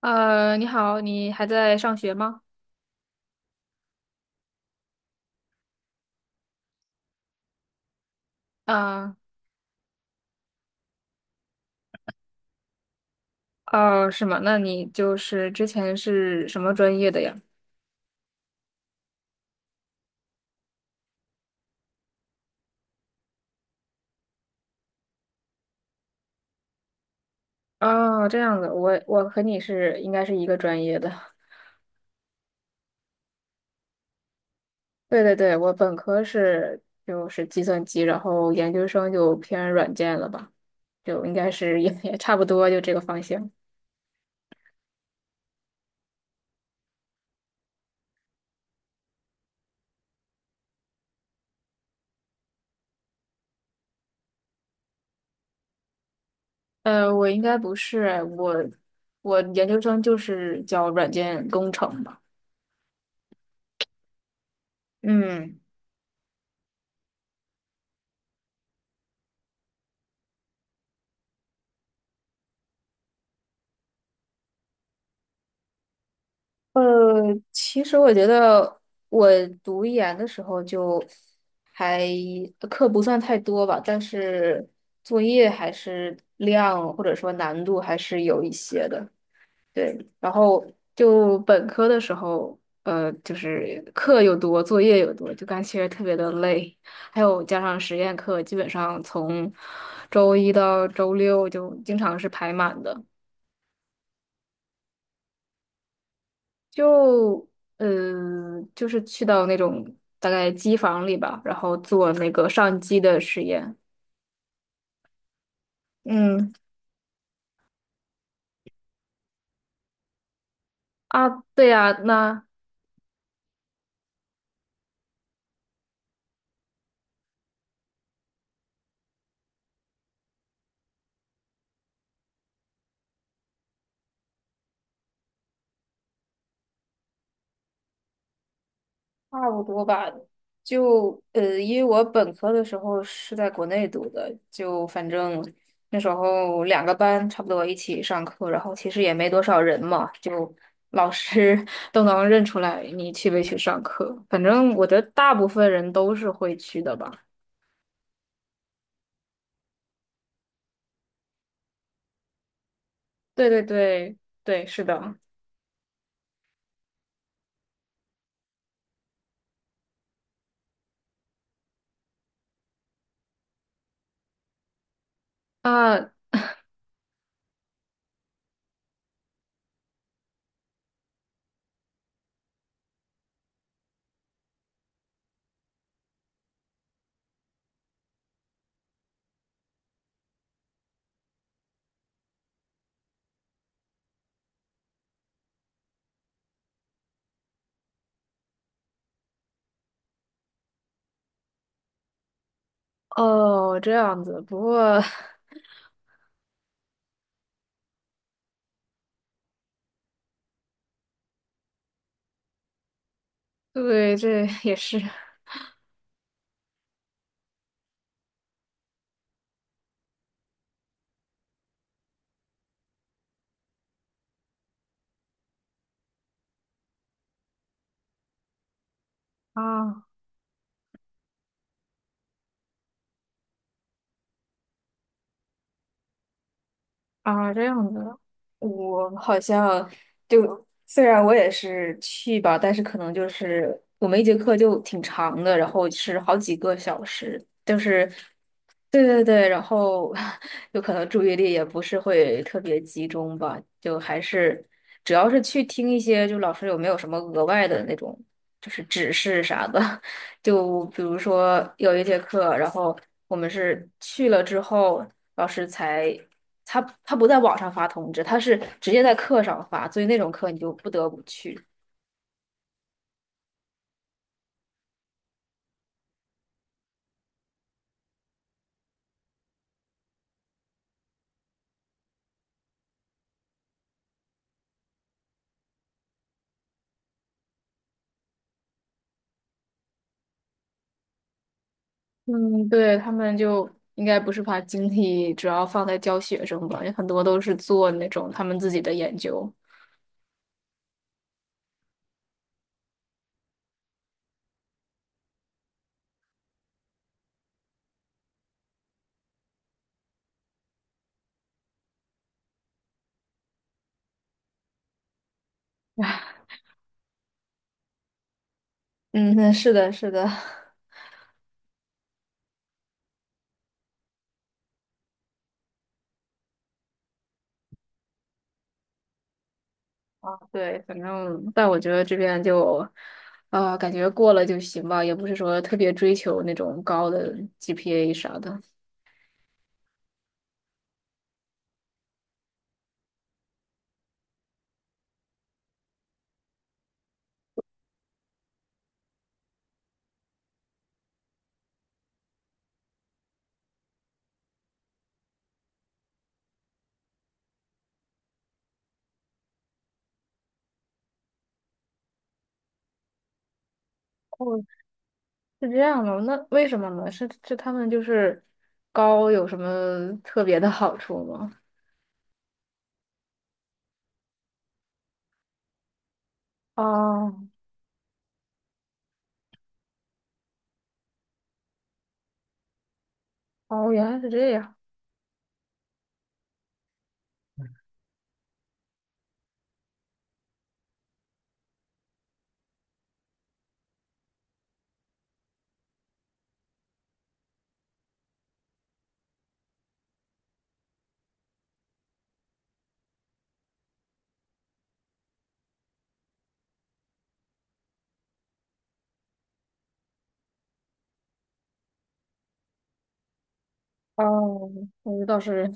你好，你还在上学吗？啊，哦，是吗？那你就是之前是什么专业的呀？哦，这样子，我和你是应该是一个专业的。对对对，我本科是就是计算机，然后研究生就偏软件了吧，就应该是也差不多就这个方向。我应该不是，我研究生就是教软件工程吧。嗯。呃，其实我觉得我读研的时候就还课不算太多吧，但是作业还是量或者说难度还是有一些的。对，然后就本科的时候，就是课又多，作业又多，就感觉特别的累。还有加上实验课，基本上从周一到周六就经常是排满的。就就是去到那种大概机房里吧，然后做那个上机的实验。嗯啊，对呀，那差不多吧。因为我本科的时候是在国内读的，就反正那时候2个班差不多一起上课，然后其实也没多少人嘛，就老师 都能认出来你去没去上课。反正我觉得大部分人都是会去的吧。对对对对，是的。啊，哦，这样子。不过，对，这也是啊。啊，这样子，我好像就虽然我也是去吧，但是可能就是我们一节课就挺长的，然后是好几个小时，就是对对对，然后 有可能注意力也不是会特别集中吧，就还是主要是去听一些，就老师有没有什么额外的那种就是指示啥的，就比如说有1节课，然后。我们是去了之后，老师才他不在网上发通知，他是直接在课上发，所以那种课你就不得不去。嗯，对，他们就应该不是把精力主要放在教学生吧，有很多都是做那种他们自己的研究。嗯，是的，是的。对，反正但我觉得这边就，啊，感觉过了就行吧，也不是说特别追求那种高的 GPA 啥的。是这样的，那为什么呢？是他们就是高有什么特别的好处吗？哦哦，原来是这样。哦，我倒是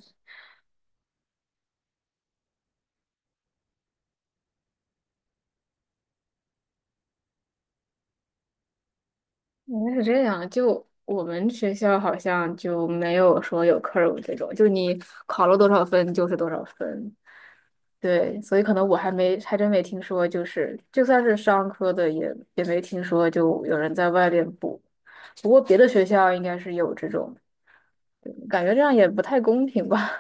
原来是这样。就我们学校好像就没有说有课 u r 这种，就你考了多少分就是多少分。对，所以可能我还没还真没听说，就是就算是商科的也没听说就有人在外面补。不过别的学校应该是有这种，对感觉这样也不太公平吧。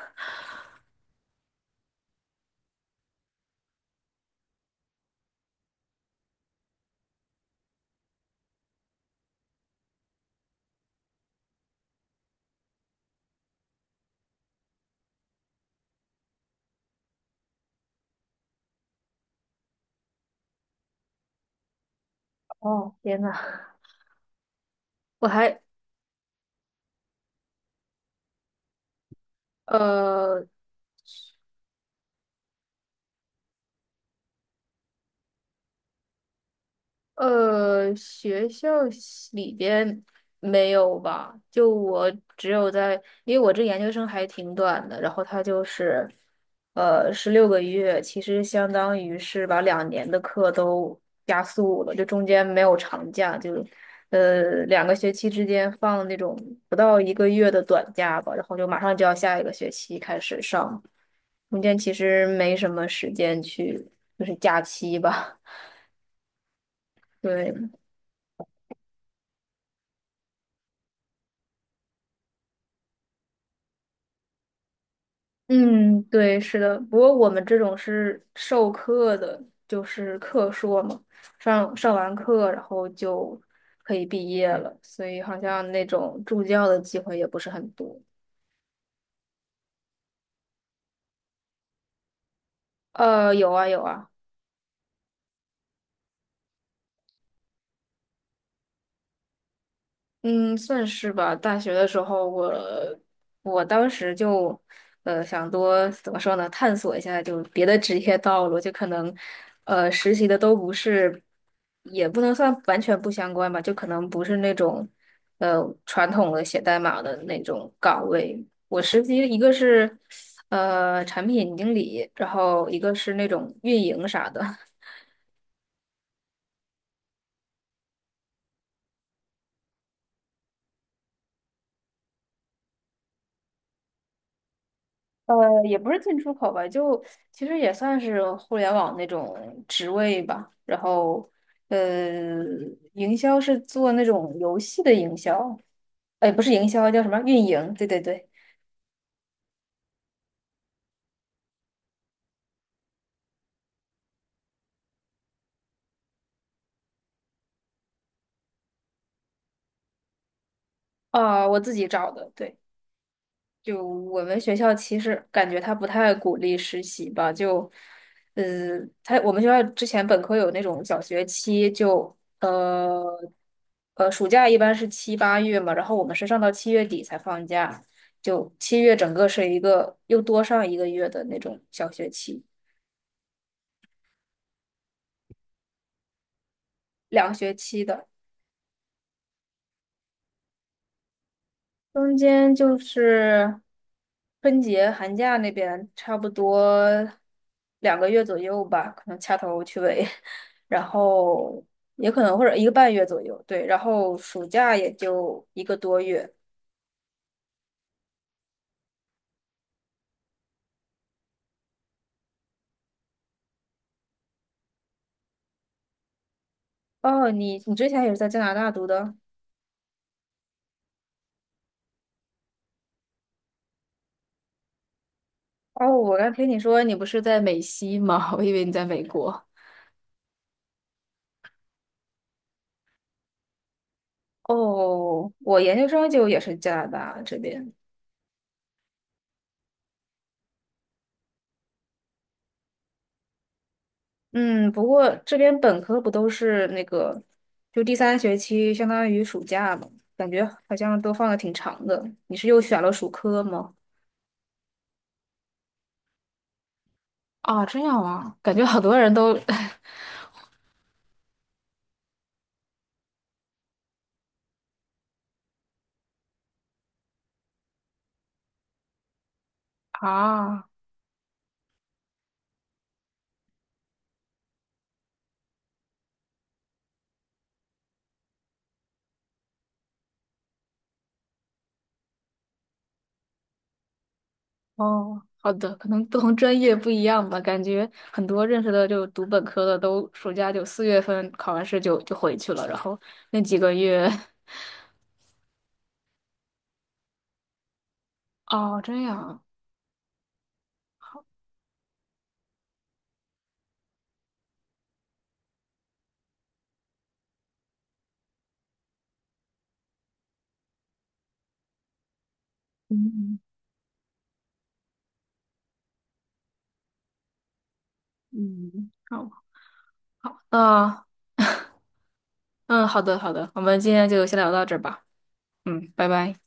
哦，天呐，我还呃，学校系里边没有吧？就我只有在，因为我这研究生还挺短的，然后它就是，16个月，其实相当于是把2年的课都加速了，就中间没有长假，就，2个学期之间放那种不到一个月的短假吧，然后就马上就要下一个学期开始上，中间其实没什么时间去，就是假期吧。对，嗯，对，是的。不过我们这种是授课的，就是课硕嘛，上完课然后就可以毕业了，所以好像那种助教的机会也不是很多。有啊有啊，嗯，算是吧。大学的时候我，当时就，想多怎么说呢，探索一下就别的职业道路，就可能，实习的都不是，也不能算完全不相关吧，就可能不是那种，传统的写代码的那种岗位。我实习一个是，产品经理，然后一个是那种运营啥的。呃，也不是进出口吧，就其实也算是互联网那种职位吧。然后，呃，营销是做那种游戏的营销，哎，不是营销，叫什么运营？对对对，啊、我自己找的，对。就我们学校其实感觉他不太鼓励实习吧，就，呃，他我们学校之前本科有那种小学期就，暑假一般是七八月嘛，然后我们是上到7月底才放假，就七月整个是一个又多上一个月的那种小学期，两学期的。中间就是春节、寒假那边，差不多2个月左右吧，可能掐头去尾，然后也可能或者1个半月左右，对，然后暑假也就1个多月。哦，你之前也是在加拿大读的？哦，我刚听你说你不是在美西吗？我以为你在美国。哦，我研究生就也是加拿大这边。嗯，不过这边本科不都是那个，就第三学期相当于暑假嘛，感觉好像都放的挺长的。你是又选了暑科吗？啊，这样啊，感觉好多人都 啊，哦，好的，可能不同专业不一样吧，感觉很多认识的就读本科的都暑假就4月份考完试就回去了，然后那几个月，哦，这样啊，好，嗯嗯，嗯好好，那。嗯，好的，好的，我们今天就先聊到这儿吧。嗯，拜拜。